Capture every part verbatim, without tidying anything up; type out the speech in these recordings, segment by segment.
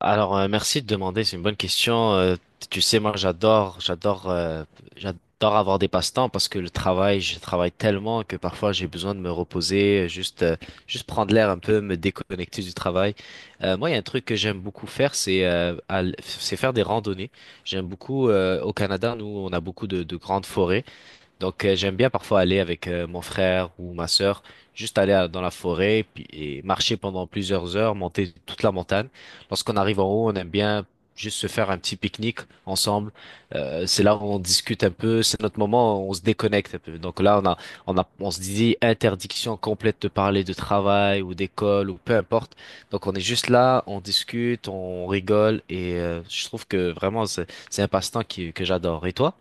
Alors, euh, merci de demander, c'est une bonne question. Euh, tu sais, moi, j'adore, j'adore, euh, j'adore avoir des passe-temps parce que le travail, je travaille tellement que parfois j'ai besoin de me reposer, euh, juste, euh, juste prendre l'air un peu, me déconnecter du travail. Euh, moi, il y a un truc que j'aime beaucoup faire, c'est euh, al- c'est faire des randonnées. J'aime beaucoup. Euh, au Canada, nous, on a beaucoup de, de grandes forêts. Donc, euh, j'aime bien parfois aller avec euh, mon frère ou ma sœur, juste aller à- dans la forêt puis, et marcher pendant plusieurs heures, monter toute la montagne. Lorsqu'on arrive en haut, on aime bien juste se faire un petit pique-nique ensemble. Euh, c'est là où on discute un peu, c'est notre moment, où on se déconnecte un peu. Donc là, on a, on a, on se dit interdiction complète de parler de travail ou d'école ou peu importe. Donc on est juste là, on discute, on rigole et euh, je trouve que vraiment c'est c'est un passe-temps qui, que j'adore. Et toi?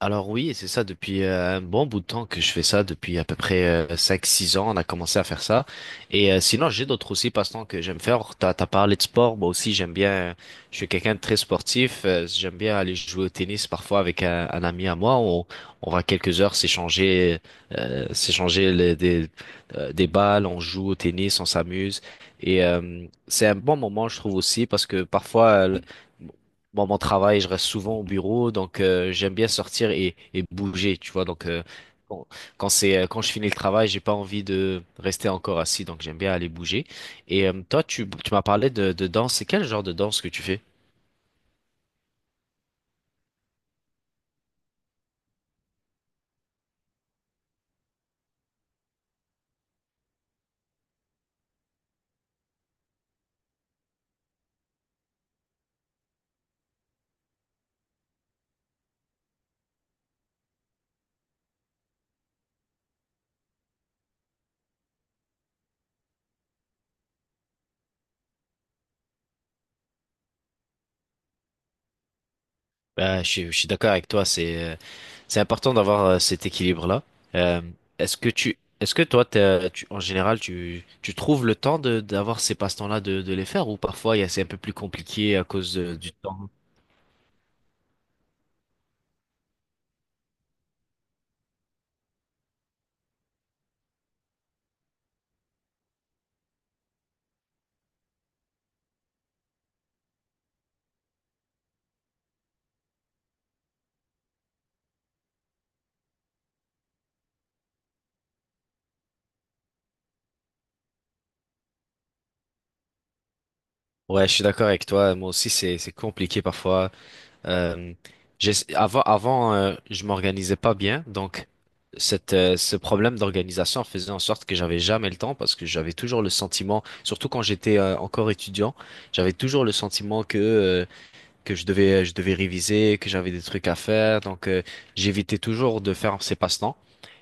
Alors oui, et c'est ça depuis euh, un bon bout de temps que je fais ça, depuis à peu près euh, cinq, six ans, on a commencé à faire ça. Et euh, sinon, j'ai d'autres aussi passe-temps que j'aime faire. T'as, t'as parlé de sport, moi aussi j'aime bien. Euh, je suis quelqu'un de très sportif. Euh, j'aime bien aller jouer au tennis parfois avec un, un ami à moi. On, on va quelques heures s'échanger, euh, s'échanger les- des, euh, des balles, on joue au tennis, on s'amuse. Et euh, c'est un bon moment, je trouve aussi, parce que parfois... euh, bon, mon travail, je reste souvent au bureau, donc euh, j'aime bien sortir et, et bouger, tu vois. Donc euh, quand, quand c'est euh, quand je finis le travail, j'ai pas envie de rester encore assis, donc j'aime bien aller bouger. Et euh, toi, tu, tu m'as parlé de, de danse. C'est quel genre de danse que tu fais? Bah, je, suis- je suis d'accord avec toi. C'est euh, c'est important d'avoir euh, cet équilibre-là. Euh, est-ce que tu Est-ce que toi, t'as- tu, en général, tu tu trouves le temps de d'avoir ces passe-temps-là de de les faire ou parfois il y a- c'est un peu plus compliqué à cause de- du temps? Ouais, je suis d'accord avec toi. Moi aussi, c'est c'est compliqué parfois. Euh, j'ess- avant avant, euh, je m'organisais pas bien, donc cette euh, ce problème d'organisation faisait en sorte que j'avais jamais le temps parce que j'avais toujours le sentiment, surtout quand j'étais euh, encore étudiant, j'avais toujours le sentiment que euh, que je devais, je devais réviser, que j'avais des trucs à faire. Donc, euh, j'évitais toujours de faire ces passe-temps.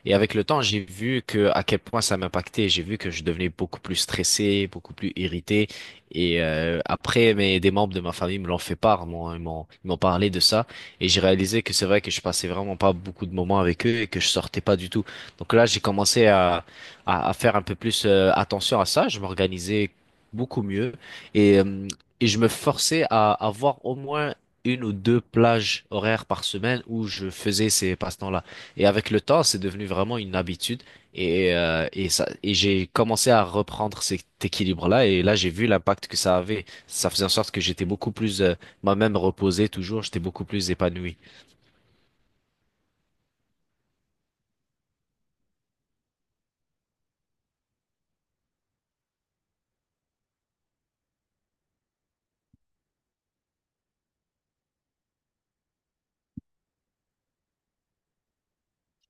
Et avec le temps, j'ai vu que à quel point ça m'impactait. J'ai vu que je devenais beaucoup plus stressé, beaucoup plus irrité. Et euh, après, mais des membres de ma famille me l'ont fait part, m'ont, ils m'ont, ils m'ont parlé de ça. Et j'ai réalisé que c'est vrai que je passais vraiment pas beaucoup de moments avec eux et que je sortais pas du tout. Donc là, j'ai commencé à, à, à faire un peu plus euh, attention à ça. Je m'organisais beaucoup mieux. Et euh, et je me forçais à avoir au moins une ou deux plages horaires par semaine où je faisais ces passe-temps-là. Et avec le temps, c'est devenu vraiment une habitude. Et, euh, et ça, et j'ai commencé à reprendre cet équilibre-là. Et là, j'ai vu l'impact que ça avait. Ça faisait en sorte que j'étais beaucoup plus, euh, moi-même reposé toujours. J'étais beaucoup plus épanoui.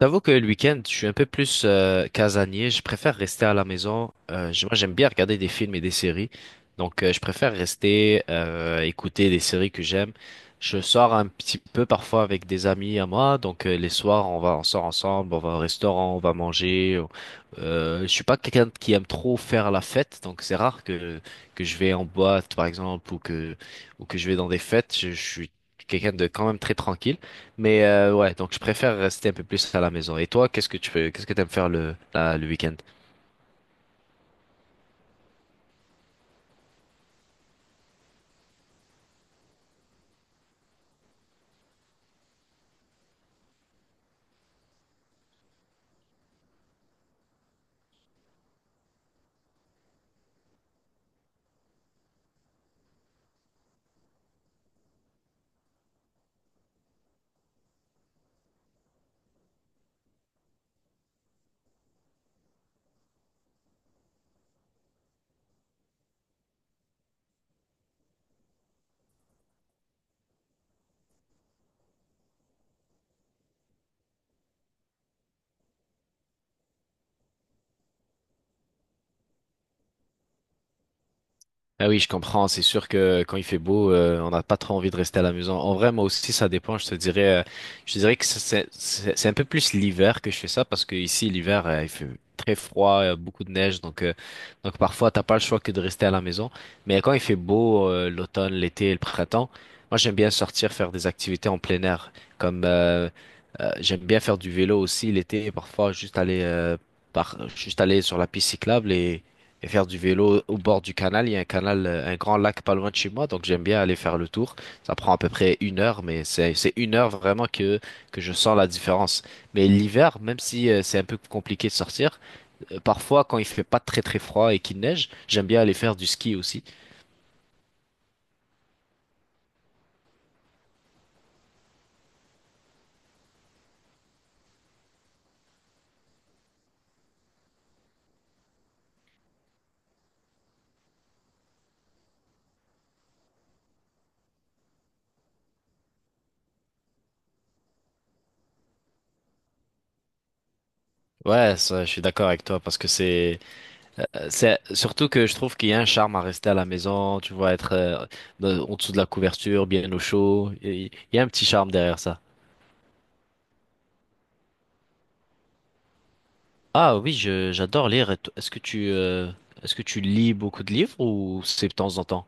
J'avoue que le week-end, je suis un peu plus euh, casanier. Je préfère rester à la maison. Euh, je- moi, j'aime bien regarder des films et des séries. Donc, euh, je préfère rester, euh, écouter des séries que j'aime. Je sors un petit peu parfois avec des amis à moi. Donc, euh, les soirs, on va, on sort ensemble, on va au restaurant, on va manger. Euh, je suis pas quelqu'un qui aime trop faire la fête. Donc, c'est rare que que je vais en boîte, par exemple, ou que ou que je vais dans des fêtes. je je suis quelqu'un de quand même très tranquille. Mais euh, ouais, donc je préfère rester un peu plus à la maison. Et toi, qu'est-ce que tu fais, qu'est-ce que t'aimes faire le, la- le week-end? Ah oui, je comprends. C'est sûr que quand il fait beau, euh, on n'a pas trop envie de rester à la maison. En vrai, moi aussi, ça dépend. Je te dirais, euh, je te dirais que ça, c'est c'est- c'est un peu plus l'hiver que je fais ça parce que ici, l'hiver, euh, il fait très froid, euh, beaucoup de neige, donc euh, donc parfois, t'as pas le choix que de rester à la maison. Mais quand il fait beau, euh, l'automne, l'été, et le printemps, moi, j'aime bien sortir faire des activités en plein air, comme euh, euh, j'aime bien faire du vélo aussi l'été, parfois juste aller euh, par, juste aller sur la piste cyclable et et faire du vélo au bord du canal. Il y a un canal, euh, un grand lac pas loin de chez moi, donc j'aime bien aller faire le tour. Ça prend à peu près une heure, mais c'est c'est une heure vraiment que que je sens la différence. Mais l'hiver, même si euh, c'est un peu compliqué de sortir, euh, parfois quand il fait pas très très froid et qu'il neige, j'aime bien aller faire du ski aussi. Ouais, ça, je suis d'accord avec toi parce que c'est euh, c'est surtout que je trouve qu'il y a un charme à rester à la maison, tu vois, être euh, dans- en dessous de la couverture, bien au chaud. Il il y a un petit charme derrière ça. Ah oui, je- j'adore lire. Et to- Est-ce que tu, euh, est-ce que tu lis beaucoup de livres ou c'est de temps en temps?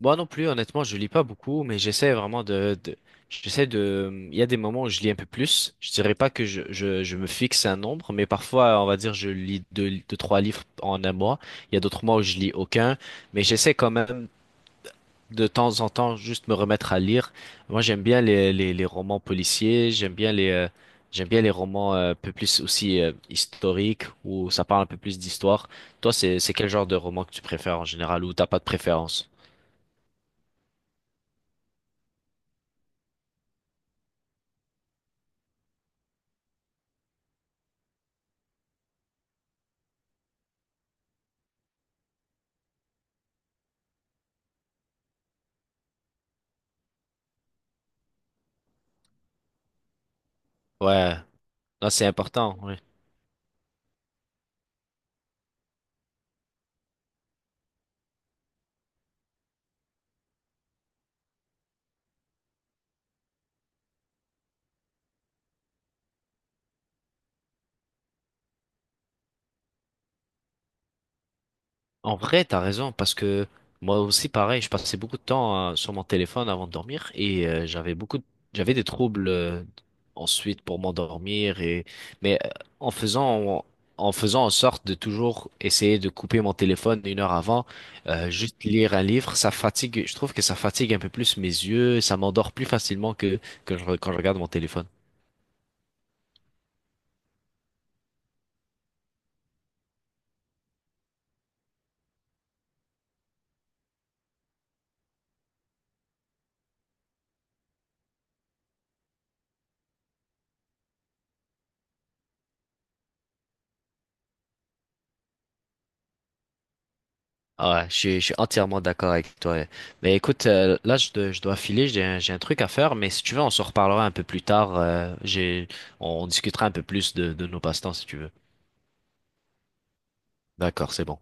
Moi non plus, honnêtement, je lis pas beaucoup, mais j'essaie vraiment de, de- j'essaie de, il y a des moments où je lis un peu plus. Je dirais pas que je, je, je me fixe un nombre, mais parfois, on va dire, je lis deux, deux, trois livres en un mois. Il y a d'autres mois où je lis aucun, mais j'essaie quand même de temps en temps juste me remettre à lire. Moi, j'aime bien les, les, les romans policiers, j'aime bien les euh, j'aime bien les romans euh, un peu plus aussi euh, historiques où ça parle un peu plus d'histoire. Toi, c'est c'est quel genre de roman que tu préfères en général ou t'as pas de préférence? Ouais, là c'est important. oui. En vrai, t'as raison, parce que moi aussi, pareil, je passais beaucoup de temps euh, sur mon téléphone avant de dormir et euh, j'avais beaucoup, de- j'avais des troubles euh, ensuite pour m'endormir et mais euh, en faisant en faisant en sorte de toujours essayer de couper mon téléphone une heure avant, euh, juste lire un livre, ça fatigue. Je trouve que ça fatigue un peu plus mes yeux, ça m'endort plus facilement que que je- quand je regarde mon téléphone. Ah Ouais, je suis, je suis entièrement d'accord avec toi. Mais écoute, euh, là, je, dois- je dois filer, j'ai un, j'ai un truc à faire, mais si tu veux, on se reparlera un peu plus tard. Euh, j'ai, on discutera un peu plus de, de nos passe-temps, si tu veux. D'accord, c'est bon.